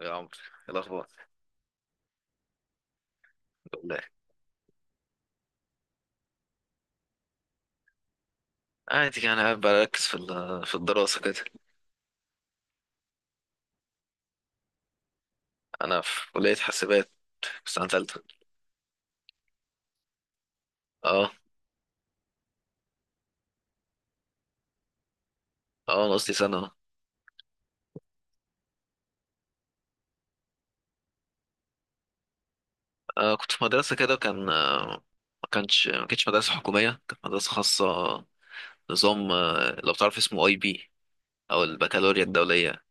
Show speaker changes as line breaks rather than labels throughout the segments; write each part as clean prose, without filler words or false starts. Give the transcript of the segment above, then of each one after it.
يا عمرو، إيه الأخبار؟ والله. عادي يعني قاعد بركز في في الدراسة كده. أنا في كلية حاسبات، في سنة تالتة. اه. اه، أنا قصدي سنة اه كنت في مدرسة كده، كان ما كانتش مدرسة حكومية، كانت مدرسة خاصة. نظام، لو تعرف اسمه، IB، أو البكالوريا الدولية.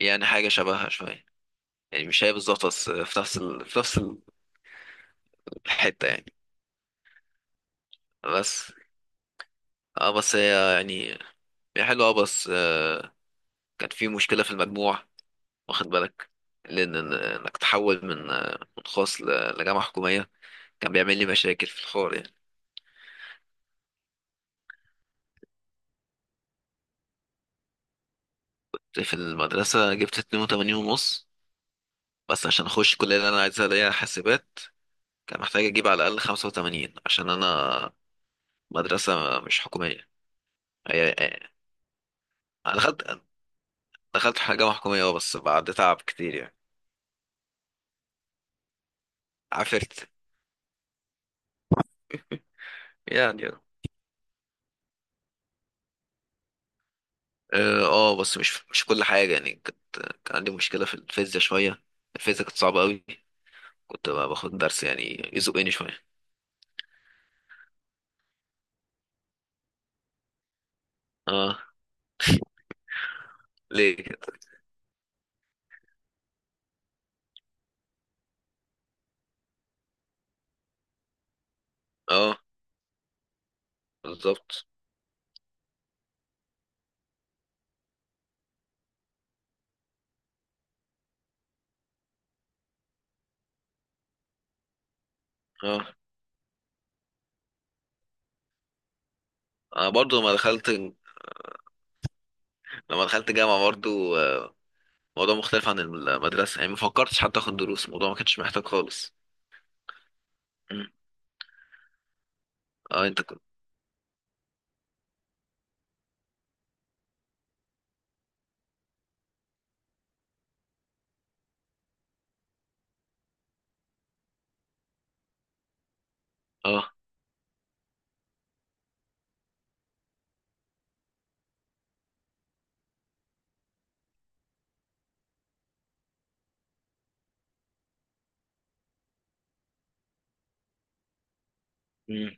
يعني حاجة شبهها شوية، يعني مش هي بالظبط، بس في نفس في نفس الحتة يعني. بس اه بس هي يعني، هي حلوة، بس كان في مشكلة في المجموع، واخد بالك؟ لان انك تحول من خاص لجامعه حكوميه، كان بيعمل لي مشاكل في الحوار يعني. في المدرسه جبت 82 ونص، بس عشان اخش الكليه اللي انا عايزها اللي هي حاسبات، كان محتاج اجيب على الاقل 85، عشان انا مدرسه مش حكوميه. هي هي- انا دخلت، جامعه حكوميه، اه، بس بعد تعب كتير يعني. عافرت، يعني، اه. بس مش كل حاجه يعني، كان عندي مشكله في الفيزياء شويه. الفيزياء كانت صعبه قوي، كنت باخد درس يعني يزقني شويه. اه. ليه كده؟ اه. بالظبط. اه، انا برضو لما دخلت، جامعة برضو، موضوع مختلف عن المدرسة يعني، ما فكرتش حتى اخد دروس، الموضوع ما كانش محتاج خالص. مم. اه، انت كنت اه مم.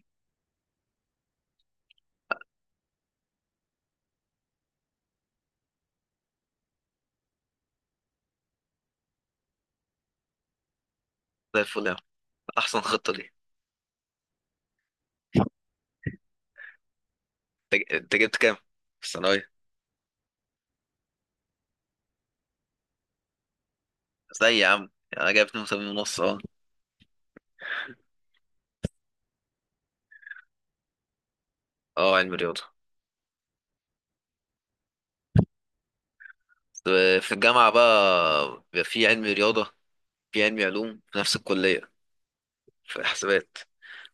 زي الفل يا عم، احسن خطة دي. انت جبت كام في الثانوية؟ زي يا عم، يعني انا جايب 82 ونص، اه. اه، علم رياضة. في الجامعة بقى بيبقى في علم رياضة، في علم علوم في نفس الكلية، في حسابات.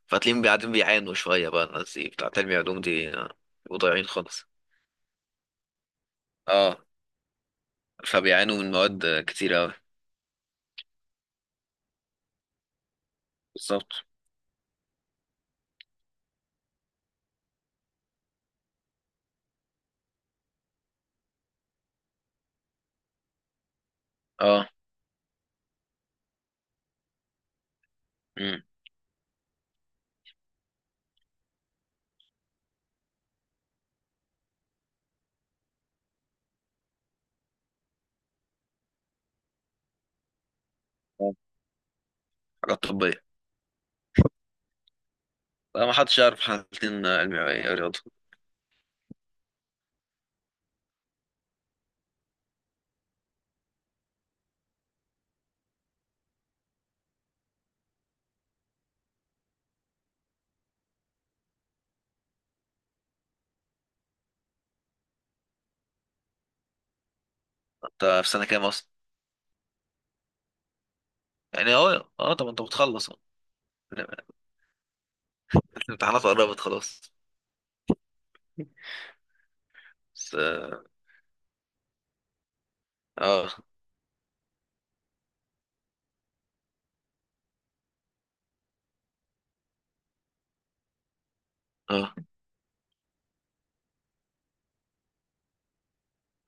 فتلاقيهم قاعدين بيعانوا شوية بقى، الناس دي بتاع تربية علوم دي، بيبقوا ضايعين خالص. اه. فبيعانوا من مواد كتير أوي. بالظبط. اه. امم. حاجات طبية. لا، ما حدش يعرف، حالتين: علمي، أو إيه، رياضة. انت في سنة كام أصلا؟ يعني اه، اه، طب انت بتخلص أهو. الامتحانات قربت خلاص. بس، اه، اه، اه،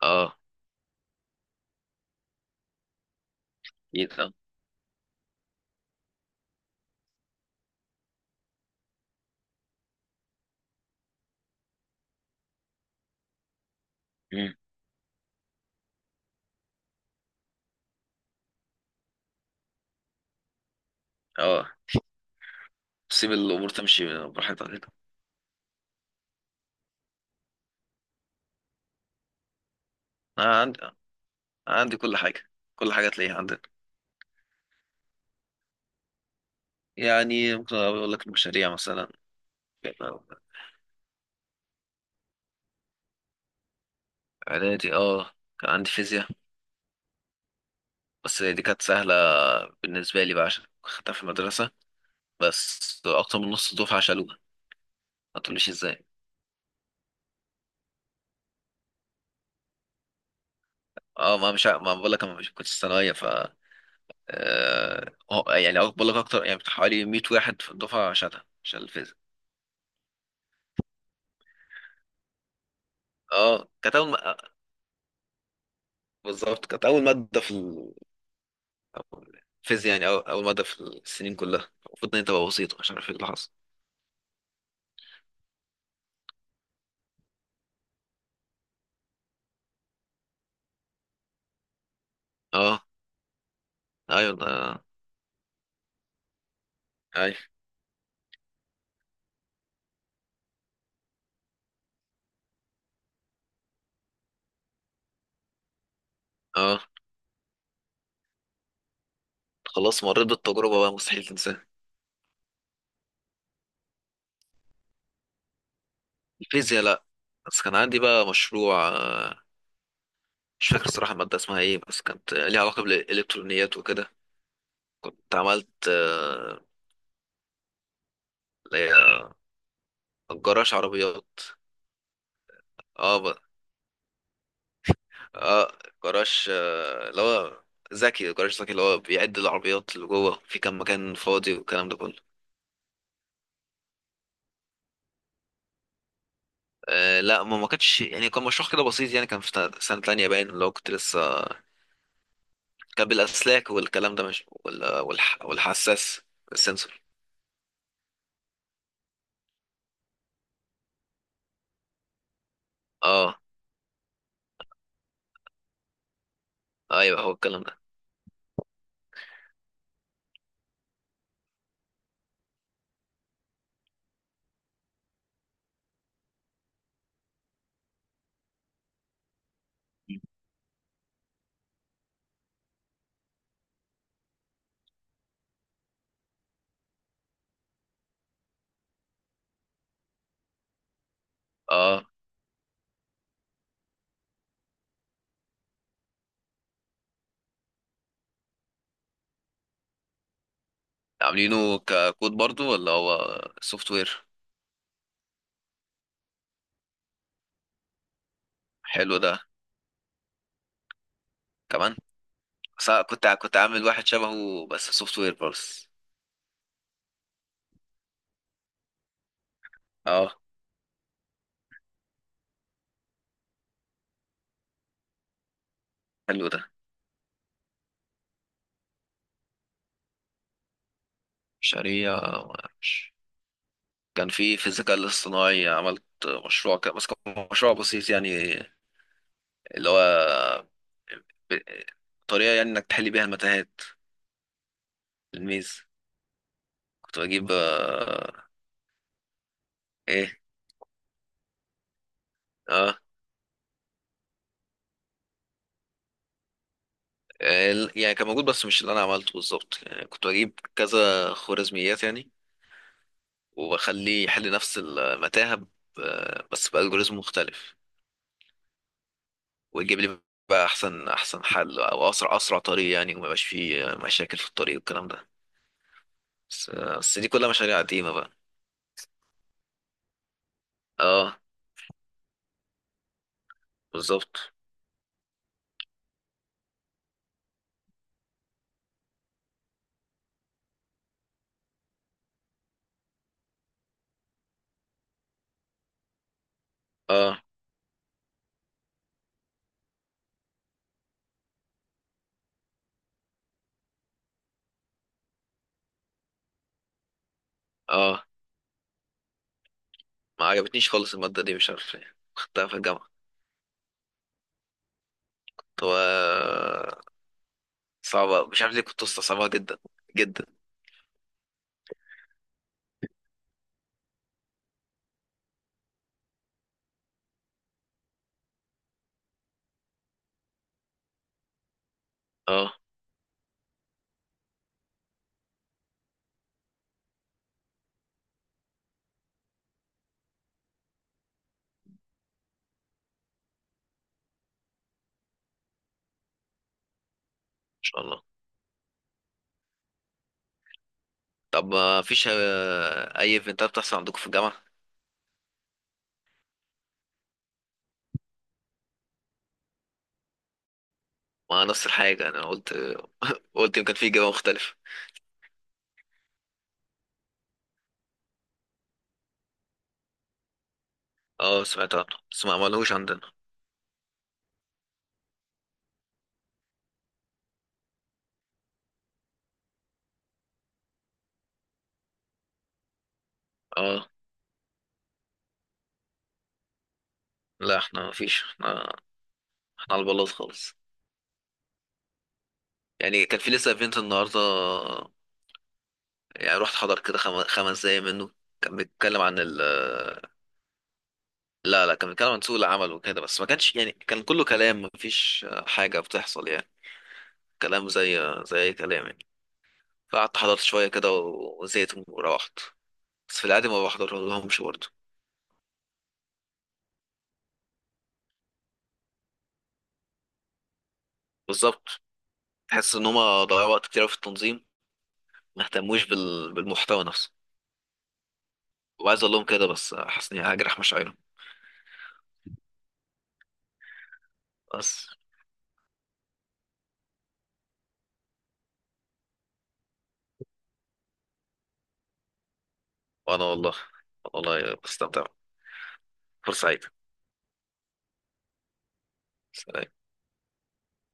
آه، اكيد، اه. مم. اه، سيب الامور تمشي براحتها كده. انا عندي كل حاجه، كل حاجه تلاقيها عندنا. يعني ممكن اقول لك المشاريع مثلا. كان اعدادي، اه، كان عندي فيزياء. بس دي كانت سهلة بالنسبة لي بقى، عشان خدتها في المدرسة، بس أكتر من نص الدفعة شالوها. ما تقوليش ازاي. اه، ما بقول لك انا مش كنت ثانوية ف، يعني بقول لك اكتر، يعني بتاع حوالي 100 واحد في الدفعة شال الفيزياء. اه، كانت اول ما. بالظبط، كانت اول مادة في الفيزياء، يعني اول مادة في السنين كلها، المفروض ان هي تبقى بسيطة، مش عارف ايه اللي حصل. اه. ايوه ده. ايوه. اه. خلاص، مريت بالتجربة بقى، مستحيل تنساها. الفيزياء، لا. بس كان عندي بقى مشروع، مش فاكر الصراحة المادة اسمها ايه، بس كانت ليها علاقة بالإلكترونيات وكده. كنت عملت اللي هي جراج عربيات. اه، ب. اه، جراج، اللي هو ذكي، جراج ذكي، اللي هو بيعد العربيات اللي جوه، في كام مكان فاضي والكلام ده كله. لا، ما كانش يعني، كان مشروع كده بسيط يعني، كان في سنة تانية باين، اللي هو كنت لسه، كان بالأسلاك والكلام ده، مش والحساس. السنسور. اه، ايوه، هو الكلام ده. اه، عاملينه ككود برضو ولا هو سوفت وير؟ حلو ده كمان. بس أنا كنت عامل واحد شبهه بس سوفت وير بس. اه. حلو ده. شريعة. مش- كان في الذكاء الاصطناعي عملت مشروع كده، بس كان مشروع بسيط يعني، اللي هو ب- طريقة يعني انك تحل بيها المتاهات. الميز، كنت بجيب، ايه. اه. يعني كان موجود، بس مش اللي انا عملته بالظبط يعني، كنت بجيب كذا خوارزميات يعني، واخليه يحل نفس المتاهه بس بالجوريزم مختلف، ويجيب لي بقى احسن حل، او اسرع طريق يعني، وما يبقاش فيه مشاكل في الطريق والكلام ده. بس دي كلها مشاريع قديمه بقى. اه. بالظبط. اه. اه. ما عجبتنيش خالص الماده دي، مش عارف ليه خدتها في الجامعه. طب، صعبه، مش عارف ليه كنت مستصعبها جدا جدا. اه، ان شاء الله. طب ما فيش اي ايفنتات بتحصل عندكم في الجامعه؟ ما نفس الحاجه، انا قلت. قلت يمكن في اجابه مختلفه. اه، سمعت عنه، بس ما عملوش عندنا. اه، لا، احنا ما فيش، احنا على البلاط خالص. يعني كان في لسه ايفنت النهارده، يعني رحت حضر كده 5 دقايق منه. كان بيتكلم عن ال. لا، لا، كان بيتكلم عن سوق العمل وكده، بس ما كانش يعني، كان كله كلام، ما فيش حاجة بتحصل يعني. كلام زي اي كلام يعني. فقعدت حضرت شوية كده وزهقت وروحت. بس في العادي ما بحضر لهمش برضه. بالظبط. تحس ان هما ضيعوا وقت كتير أوي في التنظيم، ما اهتموش بالمحتوى نفسه. وعايز اقول لهم كده، بس حاسس اني هجرح مشاعرهم. بس. وانا والله، والله بستمتع. فرصة سعيدة. سلام.